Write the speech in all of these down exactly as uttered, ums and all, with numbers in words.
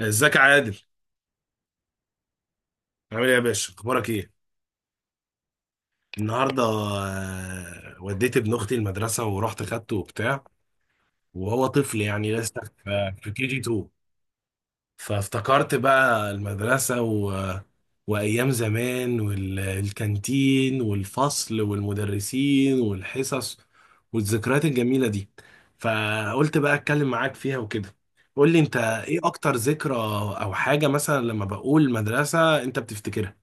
ازيك يا عادل؟ عامل ايه يا باشا؟ اخبارك ايه؟ النهارده، آه، وديت ابن اختي المدرسه ورحت خدته وبتاع. وهو طفل يعني لسه في في كي جي اتنين. فافتكرت بقى المدرسه و... وايام زمان والكانتين والفصل والمدرسين والحصص والذكريات الجميله دي. فقلت بقى اتكلم معاك فيها وكده. قول لي، انت ايه اكتر ذكرى او حاجه مثلا لما بقول مدرسه انت بتفتكرها؟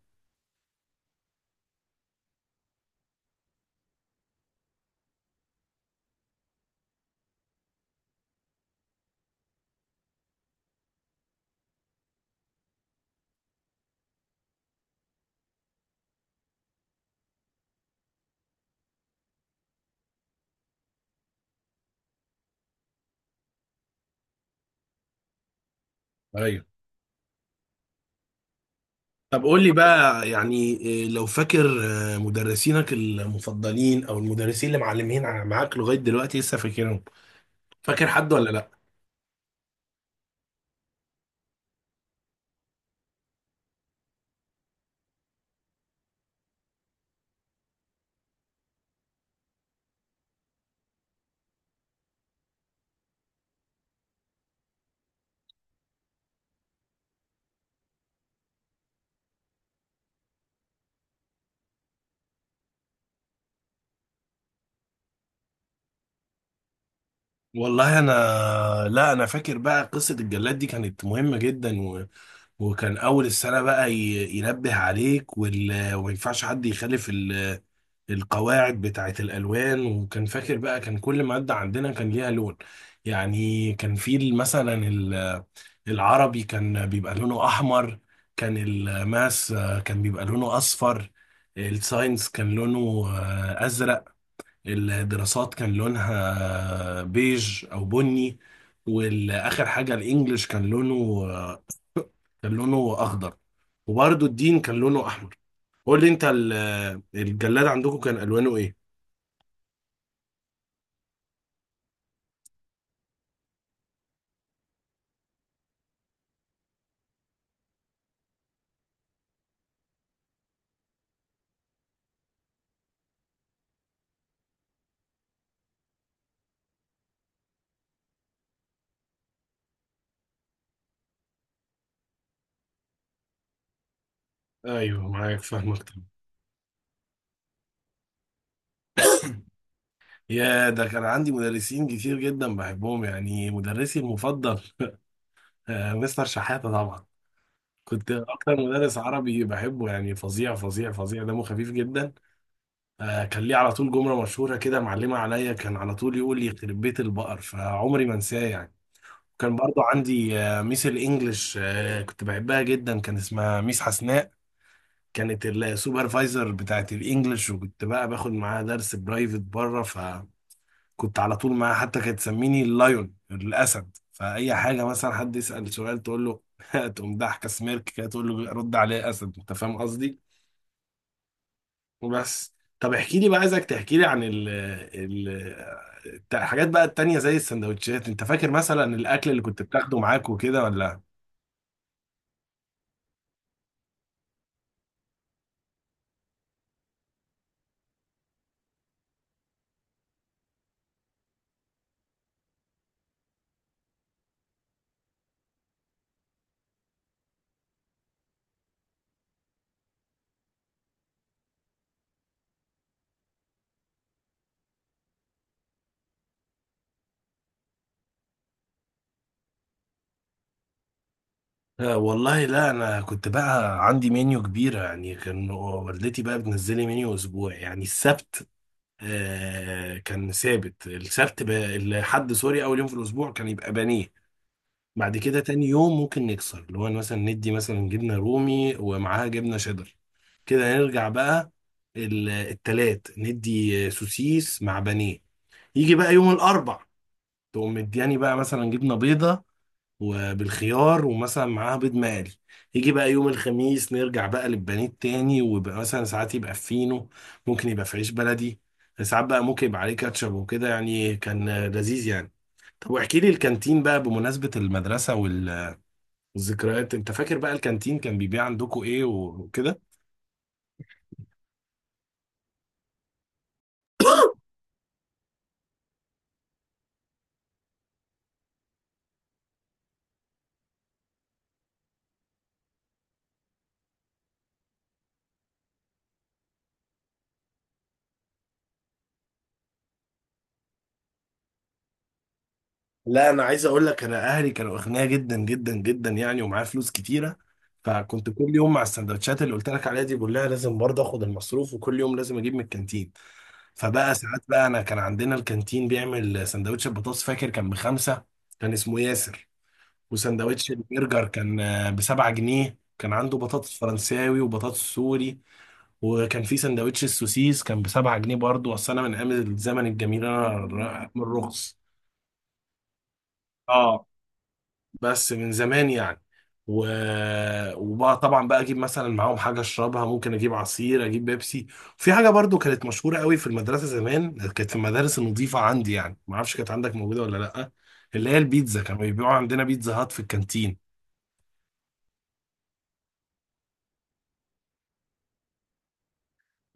طب قول لي بقى، يعني إيه، لو فاكر آه، مدرسينك المفضلين او المدرسين اللي معلمين ع- معاك لغايه دلوقتي لسه فاكرهم. فاكر حد ولا لا؟ والله انا، لا انا فاكر بقى قصه الجلاد دي كانت مهمه جدا و... وكان اول السنه بقى ي... ينبه عليك وال... وما ينفعش حد يخالف القواعد بتاعة الألوان. وكان فاكر بقى كان كل مادة عندنا كان ليها لون. يعني كان في ال- مثلا ال- العربي كان بيبقى لونه أحمر. كان الماس آه، كان بيبقى لونه أصفر. الساينس كان لونه آه، أزرق. الدراسات كان لونها آه، بيج أو بني. والآخر حاجة الإنجليش كان لونه آه، كان لونه أخضر. وبرضه الدين كان لونه أحمر. قول لي أنت ال- الجلاد عندكم كان ألوانه إيه؟ ايوه، معاك، فاهمك طبعا. يا، ده كان عندي مدرسين كتير جدا بحبهم يعني، مدرسي المفضل آه، مستر شحاتة طبعا. كنت اكتر مدرس عربي بحبه يعني، فظيع فظيع فظيع، دمه خفيف جدا. آه، كان ليه على طول جملة مشهورة كده معلمة عليا، كان على طول يقول لي يخرب بيت البقر، فعمري ما انساه يعني. كان برضو عندي آه، ميس الانجليش، آه، كنت بحبها جدا، كان اسمها ميس حسناء. كانت السوبرفايزر بتاعت الانجليش، وكنت بقى باخد معاها درس برايفت بره. كنت على طول معاها، حتى كانت تسميني اللايون، الاسد، فاي حاجه مثلا حد يسال سؤال تقول له تقوم ضحكه سميرك كده تقول له رد عليه اسد، انت فاهم قصدي؟ وبس. طب احكي لي بقى، عايزك تحكي لي عن ال ال الت- الحاجات بقى التانية زي السندوتشات، انت فاكر مثلا الاكل اللي كنت بتاخده معاك وكده ولا؟ آه، والله، لا انا كنت بقى عندي منيو كبيره يعني، كان والدتي بقى بتنزلي منيو اسبوع يعني. السبت آه، كان ثابت السبت، ب- الحد، سوري، اول يوم في الاسبوع كان يبقى بانيه. بعد كده تاني يوم ممكن نكسر، اللي هو مثلا ندي مثلا جبنه رومي ومعاها جبنه شيدر. كده نرجع بقى، ال- التلات ندي سوسيس مع بانيه. يجي بقى يوم الاربع تقوم مدياني بقى مثلا جبنه بيضه وبالخيار ومثلا معاها بيض مقلي. يجي بقى يوم الخميس نرجع بقى للبانيه تاني، ويبقى مثلا ساعات يبقى في فينو، ممكن يبقى في عيش بلدي. ساعات بقى ممكن يبقى عليه كاتشب وكده يعني، كان آه، لذيذ يعني. طب واحكي لي الكانتين بقى بمناسبة المدرسة وال- والذكريات، انت فاكر بقى الكانتين كان بيبيع عندكم ايه وكده؟ لا انا عايز اقول لك، انا اهلي كانوا اغنياء جدا جدا جدا يعني، ومعايا فلوس كتيره. فكنت كل يوم مع السندوتشات اللي قلت لك عليها دي بقول لها لازم برضه اخد المصروف، وكل يوم لازم اجيب من الكانتين. فبقى ساعات بقى انا، كان عندنا الكانتين بيعمل سندوتش البطاطس، فاكر كان بخمسة. كان اسمه ياسر. وسندوتش البرجر كان آه، بسبعة جنيه، كان عنده بطاطس فرنساوي وبطاطس سوري. وكان في سندوتش السوسيس كان بسبعة جنيه برضه، اصل انا من ايام الزمن الجميل، انا ر- من الرخص. اه، بس من زمان يعني و... وبقى طبعا بقى اجيب مثلا معاهم حاجه اشربها، ممكن اجيب عصير، اجيب بيبسي. في حاجه برضو كانت مشهوره قوي في المدرسه زمان، كانت في المدارس النظيفه عندي يعني، ما اعرفش كانت عندك موجوده ولا لا، اللي هي البيتزا، كانوا بيبيعوا عندنا بيتزا هات في الكانتين.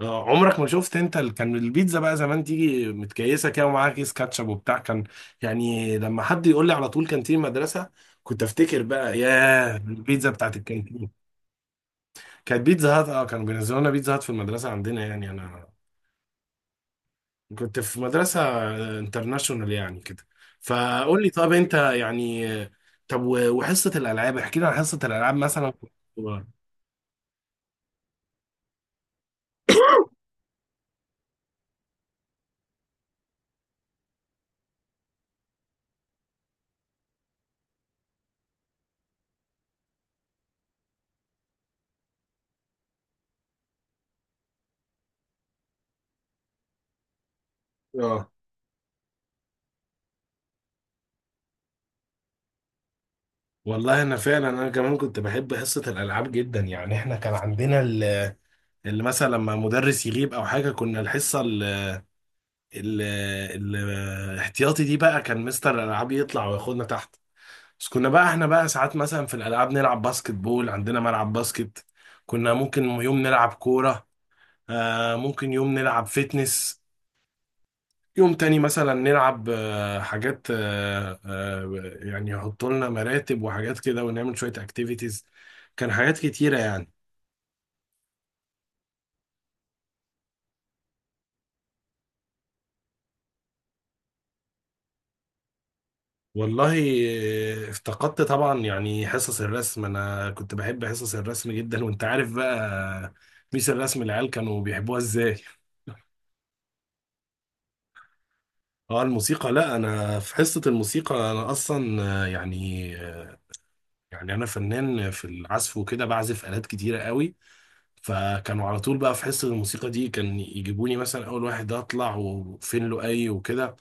آه، عمرك ما شفت؟ انت ال- كان البيتزا بقى زمان تيجي متكيسه كده، ومعاها كيس كاتشب وبتاع كان. يعني لما حد يقول لي على طول كانتين مدرسه، كنت افتكر بقى ياه البيتزا بتاعت الكانتين. كانت بيتزا هات، اه كانوا بينزلوا لنا بيتزا هات في المدرسة عندنا يعني، انا كنت في مدرسة انترناشونال يعني كده. فقول لي، طب انت يعني، طب و- وحصة الألعاب، احكي لي عن حصة الألعاب مثلا. اه والله، انا فعلا، انا كمان كنت بحب حصة الألعاب جدا يعني. احنا كان عندنا ال- اللي مثلا لما مدرس يغيب او حاجة، كنا الحصة ال- ال- الاحتياطي دي بقى كان مستر الألعاب يطلع وياخدنا تحت. بس كنا بقى احنا بقى ساعات مثلا في الالعاب نلعب باسكت بول، عندنا ملعب باسكت. كنا ممكن يوم نلعب كوره آه ممكن يوم نلعب فيتنس. يوم تاني مثلا نلعب آه حاجات، آه آه يعني يحطوا لنا مراتب وحاجات كده، ونعمل شويه اكتيفيتيز. كان حاجات كتيره يعني. والله، آه، افتقدت طبعا يعني حصص الرسم، انا كنت بحب حصص الرسم جدا، وانت عارف بقى ميس الرسم العيال كانوا بيحبوها ازاي. اه الموسيقى، لا انا في حصة الموسيقى انا اصلا آه، يعني آه، يعني انا فنان في العزف وكده، بعزف آلات كتيرة قوي. فكانوا على طول بقى في حصة الموسيقى دي كان يجيبوني مثلا اول واحد، ده اطلع وفين له اي وكده.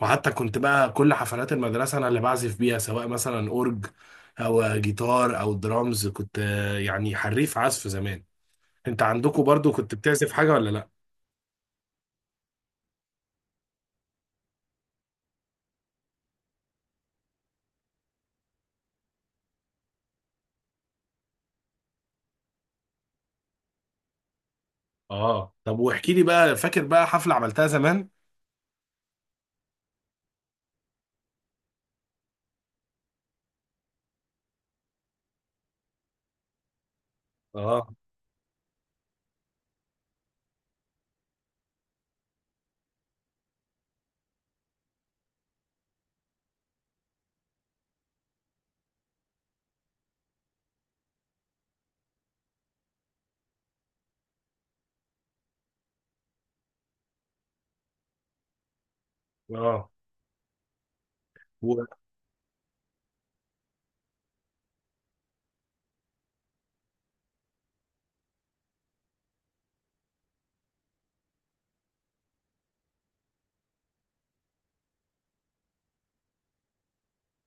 وحتى كنت بقى كل حفلات المدرسة انا اللي بعزف بيها، سواء مثلا اورج او جيتار او درامز، كنت آه، يعني حريف عزف زمان. انت عندكم برضو كنت بتعزف حاجة ولا لا؟ اه، طب واحكي لي بقى، فاكر بقى حفلة عملتها زمان. اه، اه،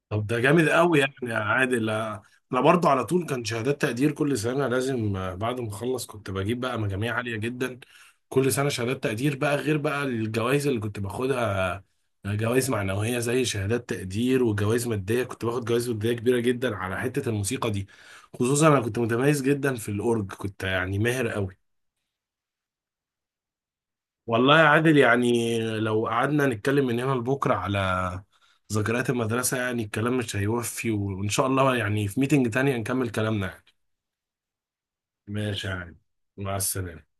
طب ده جامد قوي يعني يا عادل آه، انا برضه على طول كان شهادات تقدير كل سنه لازم آه، بعد ما اخلص كنت بجيب بقى مجاميع عاليه جدا. كل سنه شهادات تقدير بقى، غير بقى الجوائز اللي كنت باخدها، آه، جوائز معنويه زي شهادات تقدير، وجوائز ماديه، كنت باخد جوائز ماديه كبيره جدا على حته الموسيقى دي. خصوصا انا كنت متميز جدا في الاورج، كنت يعني ماهر قوي. والله يا عادل، يعني لو قعدنا نتكلم من هنا لبكرة على ذكريات المدرسة، يعني الكلام مش هيوفي، وإن شاء الله يعني في ميتنج تانية نكمل كلامنا يعني. ماشي يا عادل، مع السلامة.